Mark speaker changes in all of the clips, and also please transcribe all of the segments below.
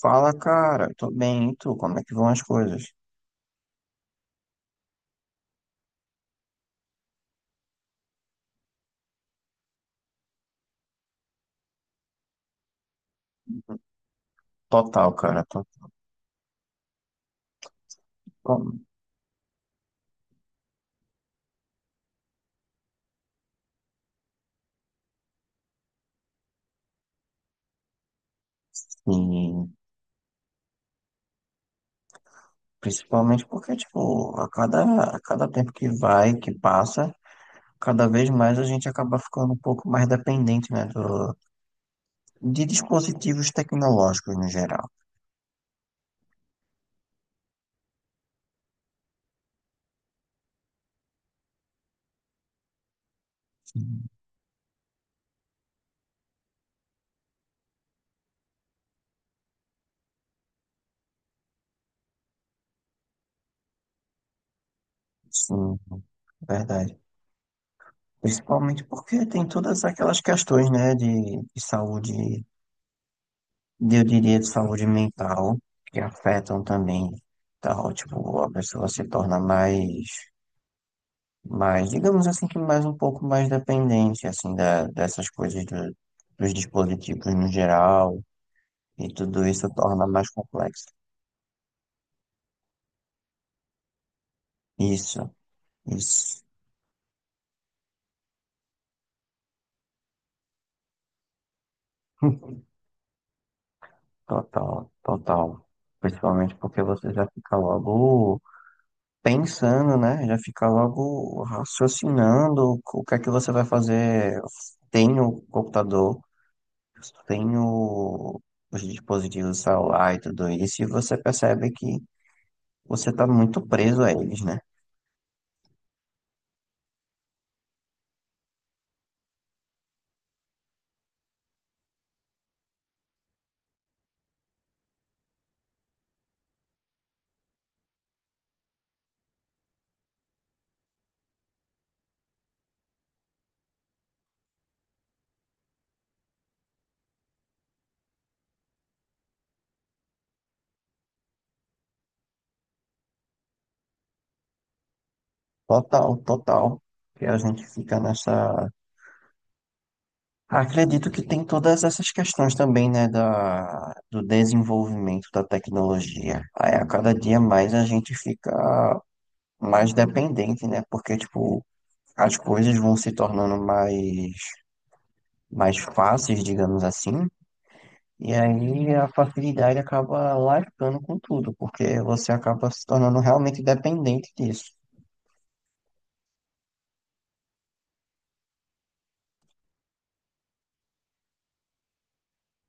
Speaker 1: Fala, cara. Tô bem, e tu? Como é que vão as coisas? Total, cara. Tô bom. E principalmente porque, tipo, a cada tempo que vai, que passa, cada vez mais a gente acaba ficando um pouco mais dependente, né, de dispositivos tecnológicos no geral. Sim, sim, verdade. Principalmente porque tem todas aquelas questões, né, de saúde eu diria de saúde mental, que afetam também, tal, tipo, a pessoa se torna mais, mais, digamos assim, que mais um pouco mais dependente, assim, dessas coisas dos dispositivos no geral, e tudo isso torna mais complexo. Isso, isso, total, total. Principalmente porque você já fica logo pensando, né? Já fica logo raciocinando o que é que você vai fazer. Tem o computador. Tenho os dispositivos celular e tudo isso, e você percebe que você está muito preso a eles, né? Total, total. Que a gente fica nessa. Acredito que tem todas essas questões também, né, do desenvolvimento da tecnologia. Aí a cada dia mais a gente fica mais dependente, né? Porque, tipo, as coisas vão se tornando mais fáceis, digamos assim. E aí a facilidade acaba largando com tudo, porque você acaba se tornando realmente dependente disso.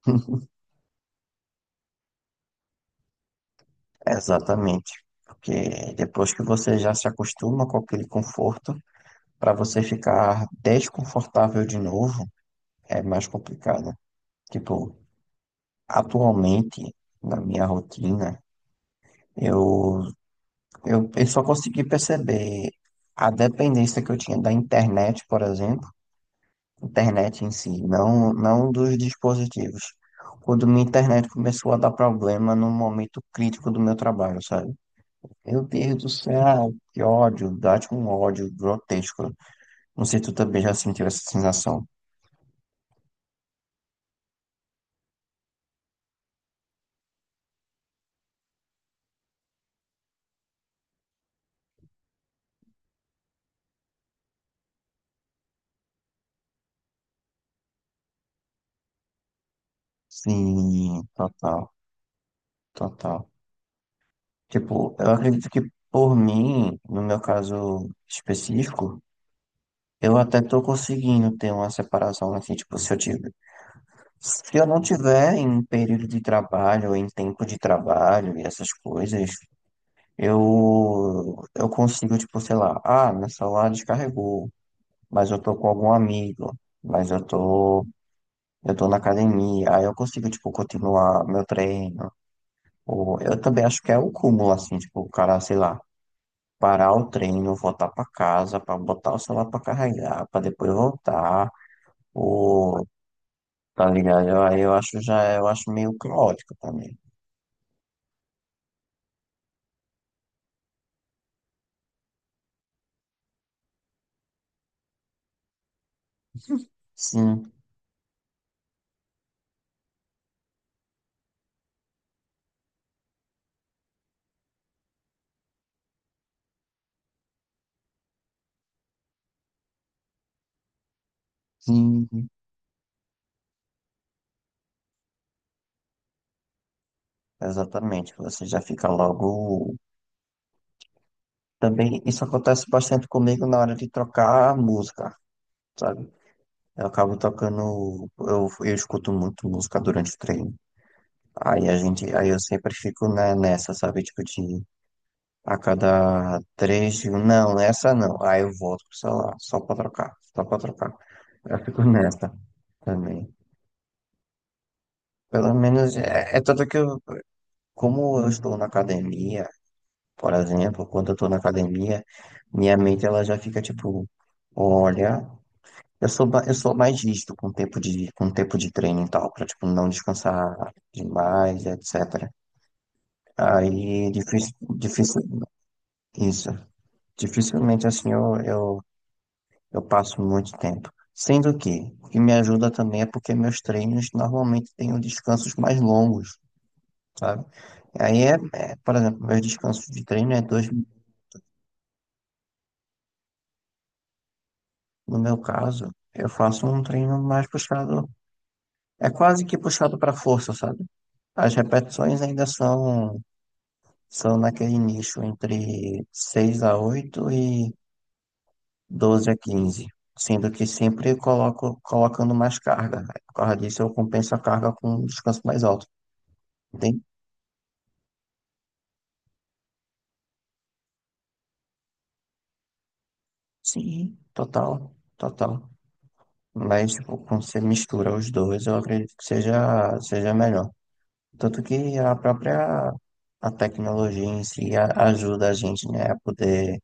Speaker 1: Exatamente. Porque depois que você já se acostuma com aquele conforto, para você ficar desconfortável de novo, é mais complicado. Tipo, atualmente, na minha rotina, eu, eu só consegui perceber a dependência que eu tinha da internet, por exemplo internet em si, não, não dos dispositivos. Quando minha internet começou a dar problema num momento crítico do meu trabalho, sabe? Meu Deus do céu, que ódio, dá-te um ódio grotesco. Não sei se tu também já sentiu essa sensação. Sim, total, total. Tipo, eu acredito que por mim, no meu caso específico, eu até tô conseguindo ter uma separação, assim, tipo, se eu não tiver em período de trabalho, em tempo de trabalho e essas coisas, eu consigo, tipo, sei lá, ah, meu celular descarregou, mas eu tô com algum amigo, mas eu tô na academia, aí eu consigo, tipo, continuar meu treino. Ou eu também acho que é o cúmulo, assim, tipo, o cara, sei lá, parar o treino, voltar pra casa, pra botar o celular pra carregar, pra depois voltar, ou tá ligado? Aí eu acho já, eu acho meio caótico também. Sim. Sim, exatamente. Você já fica logo. Também isso acontece bastante comigo na hora de trocar a música, sabe? Eu acabo tocando. Eu escuto muito música durante o treino. Aí eu sempre fico né, nessa, sabe? Tipo, de a cada três, digo, não, nessa não. Aí eu volto pro celular, só pra trocar, só pra trocar. Eu fico nessa também. Pelo menos é tanto que eu, como eu estou na academia. Por exemplo, quando eu tô na academia, minha mente ela já fica tipo, olha, eu sou mais rígido com o tempo de treino e tal, pra tipo, não descansar demais, etc. Aí, difícil, difícil, isso. Dificilmente assim eu passo muito tempo. Sendo que, o que me ajuda também é porque meus treinos normalmente têm descansos mais longos, sabe? Aí por exemplo, meus descansos de treino é dois. No meu caso, eu faço um treino mais puxado, é quase que puxado para força, sabe? As repetições ainda são naquele nicho entre 6 a 8 e 12 a 15, sendo que sempre coloco colocando mais carga. Por causa disso, eu compenso a carga com um descanso mais alto, entende? Sim, total, total. Mas, tipo, quando você mistura os dois, eu acredito que seja melhor. Tanto que a tecnologia em si ajuda a gente, né, a poder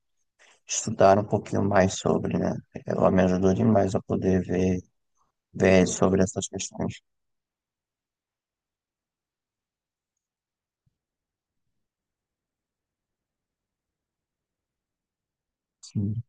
Speaker 1: estudar um pouquinho mais sobre, né? Ela me ajudou demais a poder ver sobre essas questões. Sim,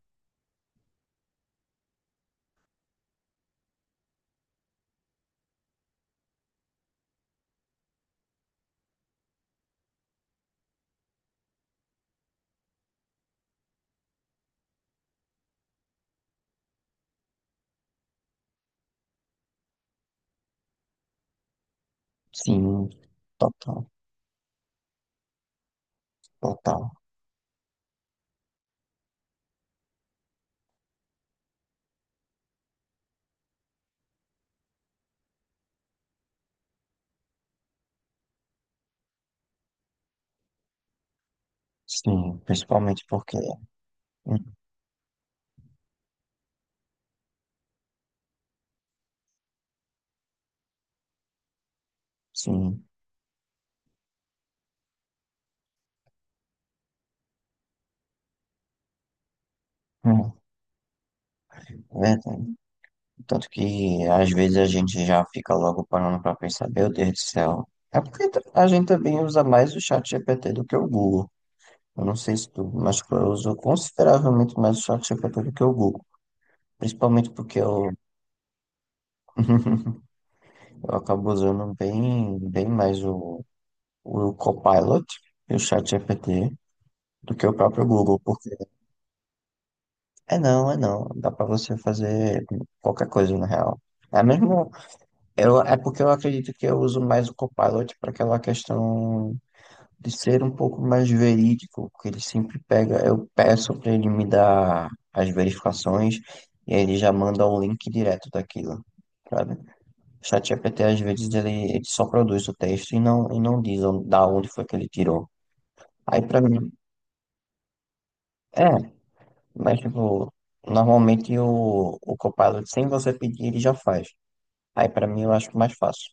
Speaker 1: sim, total, total. Sim, principalmente porque, hum, sim, hum, é verdade. Tanto que às vezes a gente já fica logo parando para pensar, meu Deus do céu. É porque a gente também usa mais o chat GPT do que o Google. Eu não sei se tu, mas tipo, eu uso consideravelmente mais o ChatGPT do que o Google. Principalmente porque eu acabo usando bem, bem mais o Copilot e o ChatGPT do que o próprio Google. Porque é não, é não. Dá pra você fazer qualquer coisa, na real. É mesmo. É porque eu acredito que eu uso mais o Copilot para aquela questão de ser um pouco mais verídico, porque ele sempre pega, eu peço para ele me dar as verificações e aí ele já manda o link direto daquilo, sabe? O ChatGPT às vezes ele só produz o texto e não diz da onde foi que ele tirou. Aí para mim, é, mas tipo, normalmente o Copilot, sem você pedir, ele já faz. Aí para mim eu acho mais fácil.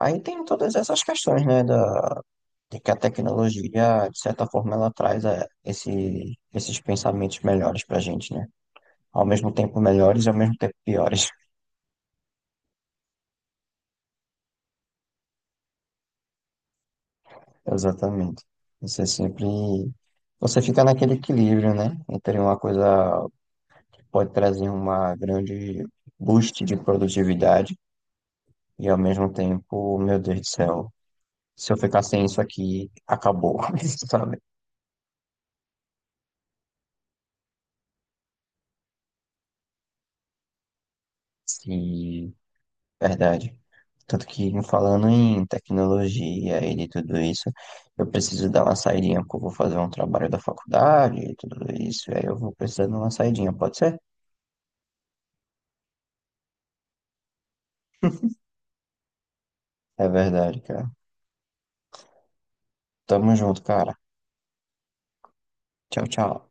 Speaker 1: Aí tem todas essas questões, né, de que a tecnologia, de certa forma, ela traz esses pensamentos melhores pra gente, né? Ao mesmo tempo melhores e ao mesmo tempo piores. Exatamente. Você sempre. Você fica naquele equilíbrio, né? Entre uma coisa que pode trazer uma grande boost de produtividade e ao mesmo tempo, meu Deus do céu, se eu ficar sem isso aqui, acabou, sabe? Se Verdade. Tanto que falando em tecnologia e de tudo isso, eu preciso dar uma saidinha, porque eu vou fazer um trabalho da faculdade e tudo isso, e aí eu vou precisar de uma saidinha, pode ser? É verdade, cara. Tamo junto, cara. Tchau, tchau.